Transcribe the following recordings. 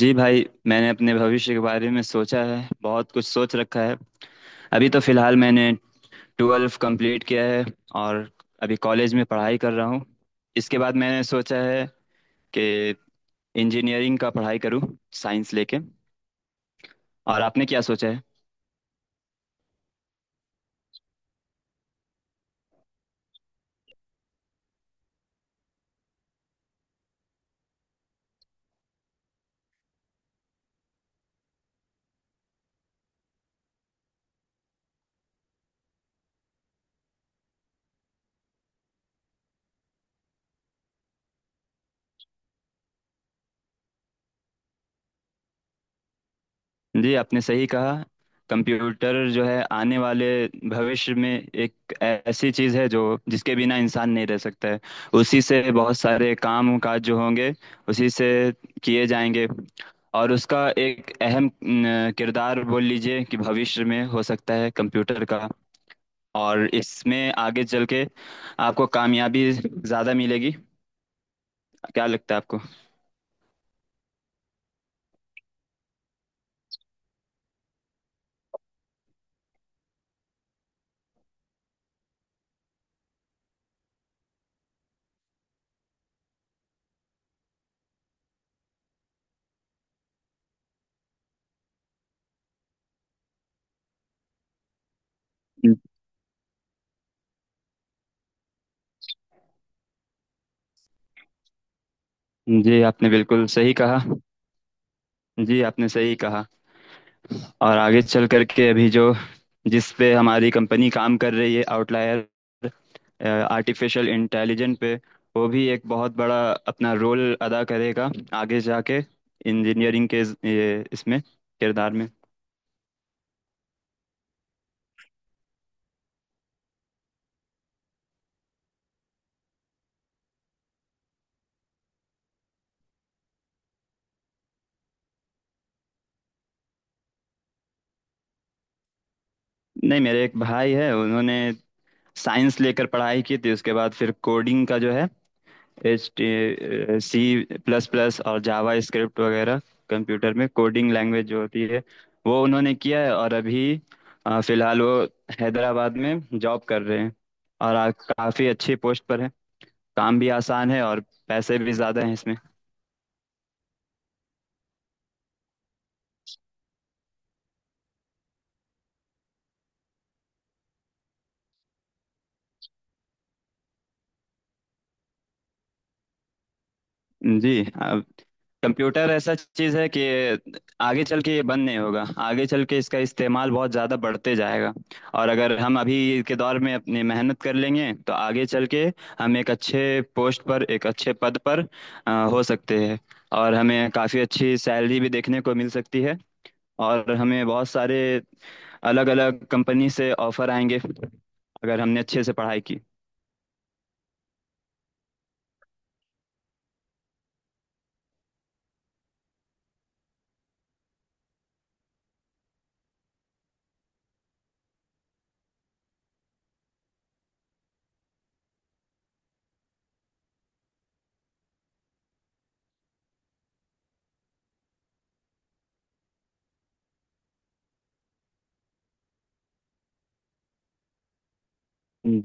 जी भाई, मैंने अपने भविष्य के बारे में सोचा है, बहुत कुछ सोच रखा है। अभी तो फिलहाल मैंने ट्वेल्व कंप्लीट किया है, और अभी कॉलेज में पढ़ाई कर रहा हूँ। इसके बाद मैंने सोचा है कि इंजीनियरिंग का पढ़ाई करूँ, साइंस लेके। और आपने क्या सोचा है? जी, आपने सही कहा। कंप्यूटर जो है आने वाले भविष्य में एक ऐसी चीज़ है जो जिसके बिना इंसान नहीं रह सकता है। उसी से बहुत सारे काम काज जो होंगे, उसी से किए जाएंगे। और उसका एक अहम न, किरदार बोल लीजिए कि भविष्य में हो सकता है कंप्यूटर का। और इसमें आगे चल के आपको कामयाबी ज़्यादा मिलेगी। क्या लगता है आपको? जी, आपने बिल्कुल सही कहा। जी, आपने सही कहा। और आगे चल करके अभी जो जिस पे हमारी कंपनी काम कर रही है आउटलायर, आर्टिफिशियल इंटेलिजेंट पे, वो भी एक बहुत बड़ा अपना रोल अदा करेगा, आगे जाके इंजीनियरिंग के ये इसमें किरदार में। नहीं, मेरे एक भाई है, उन्होंने साइंस लेकर पढ़ाई की थी। उसके बाद फिर कोडिंग का जो है एच सी प्लस प्लस और जावा स्क्रिप्ट वगैरह, कंप्यूटर में कोडिंग लैंग्वेज जो होती है वो उन्होंने किया है। और अभी फिलहाल वो हैदराबाद में जॉब कर रहे हैं। और काफी अच्छी पोस्ट पर है, काम भी आसान है और पैसे भी ज्यादा हैं इसमें। जी, कंप्यूटर ऐसा चीज है कि आगे चल के ये बंद नहीं होगा। आगे चल के इसका इस्तेमाल बहुत ज्यादा बढ़ते जाएगा। और अगर हम अभी के दौर में अपनी मेहनत कर लेंगे तो आगे चल के हम एक अच्छे पोस्ट पर, एक अच्छे पद पर हो सकते हैं। और हमें काफी अच्छी सैलरी भी देखने को मिल सकती है। और हमें बहुत सारे अलग अलग कंपनी से ऑफर आएंगे, अगर हमने अच्छे से पढ़ाई की।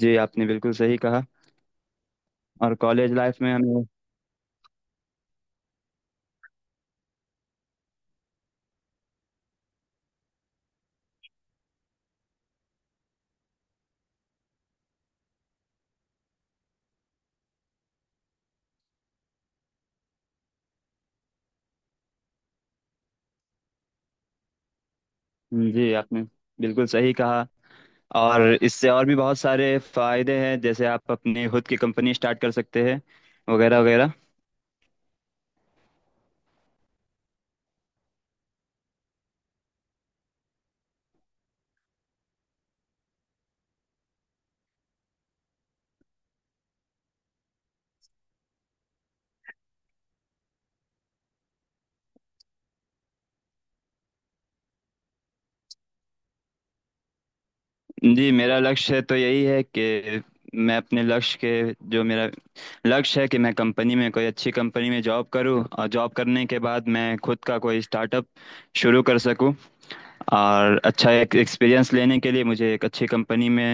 जी, आपने बिल्कुल सही कहा। और कॉलेज लाइफ में हमें। जी, आपने बिल्कुल सही कहा। और इससे और भी बहुत सारे फायदे हैं, जैसे आप अपनी खुद की कंपनी स्टार्ट कर सकते हैं, वगैरह वगैरह। जी, मेरा लक्ष्य तो यही है कि मैं अपने लक्ष्य के जो मेरा लक्ष्य है कि मैं कंपनी में, कोई अच्छी कंपनी में जॉब करूं, और जॉब करने के बाद मैं खुद का कोई स्टार्टअप शुरू कर सकूं। और अच्छा एक एक्सपीरियंस लेने के लिए मुझे एक अच्छी कंपनी में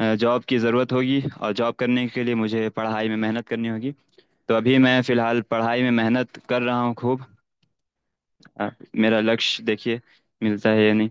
जॉब की ज़रूरत होगी, और जॉब करने के लिए मुझे पढ़ाई में मेहनत करनी होगी। तो अभी मैं फ़िलहाल पढ़ाई में मेहनत कर रहा हूँ खूब। आ, मेरा लक्ष्य, देखिए मिलता है या नहीं।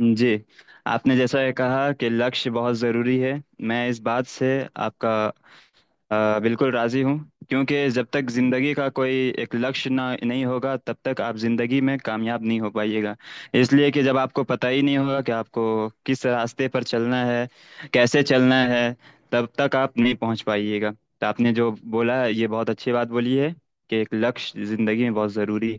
जी, आपने जैसा ये कहा कि लक्ष्य बहुत ज़रूरी है, मैं इस बात से आपका बिल्कुल राज़ी हूँ। क्योंकि जब तक ज़िंदगी का कोई एक लक्ष्य नहीं होगा, तब तक आप ज़िंदगी में कामयाब नहीं हो पाइएगा। इसलिए कि जब आपको पता ही नहीं होगा कि आपको किस रास्ते पर चलना है, कैसे चलना है, तब तक आप नहीं पहुँच पाइएगा। तो आपने जो बोला ये बहुत अच्छी बात बोली है कि एक लक्ष्य ज़िंदगी में बहुत ज़रूरी है।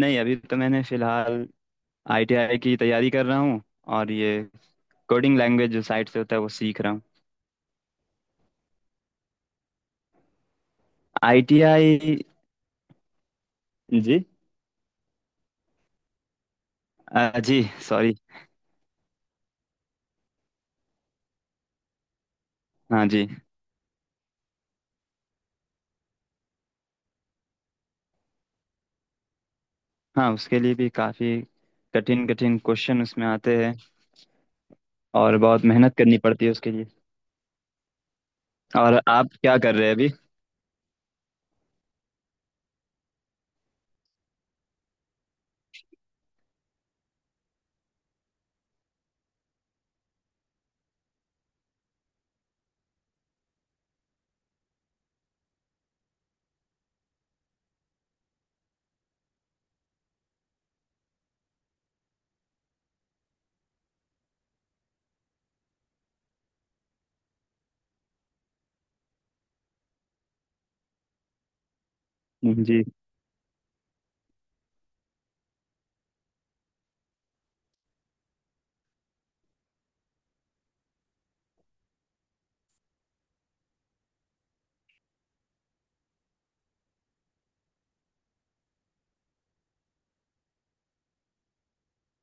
नहीं, अभी तो मैंने फिलहाल आईटीआई की तैयारी कर रहा हूँ। और ये कोडिंग लैंग्वेज जो साइट से होता है वो सीख रहा हूँ। आईटीआई। जी। जी, सॉरी। हाँ जी। हाँ, उसके लिए भी काफ़ी कठिन कठिन क्वेश्चन उसमें आते हैं। और बहुत मेहनत करनी पड़ती है उसके लिए। और आप क्या कर रहे हैं अभी? जी।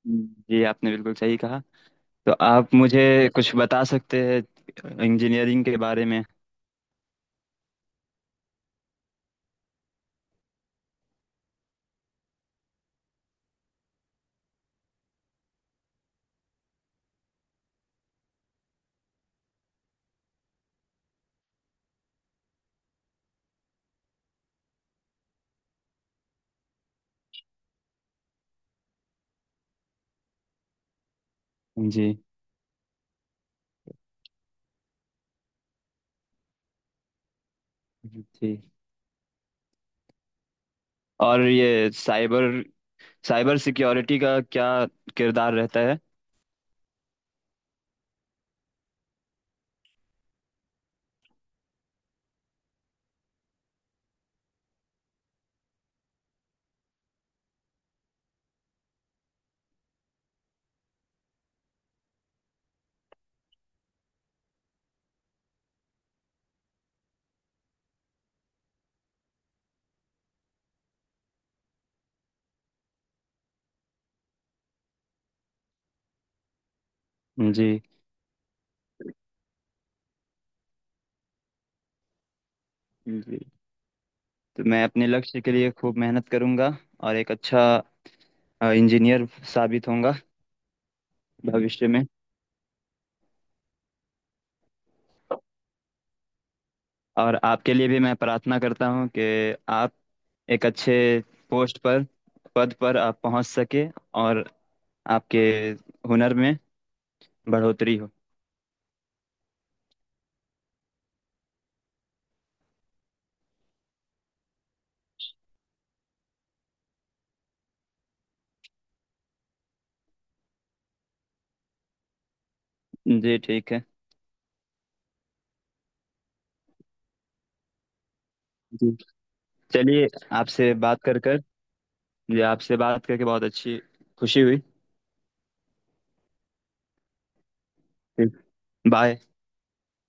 जी, आपने बिल्कुल सही कहा। तो आप मुझे कुछ बता सकते हैं इंजीनियरिंग के बारे में? जी। जी। और ये साइबर साइबर सिक्योरिटी का क्या किरदार रहता है? जी। जी। तो मैं अपने लक्ष्य के लिए खूब मेहनत करूंगा और एक अच्छा इंजीनियर साबित होऊंगा भविष्य में। और आपके लिए भी मैं प्रार्थना करता हूं कि आप एक अच्छे पोस्ट पर, पद पर आप पहुंच सके, और आपके हुनर में बढ़ोतरी हो। जी ठीक है। जी चलिए। आपसे बात कर कर जी, आपसे बात करके बहुत अच्छी खुशी हुई। जी, बाय।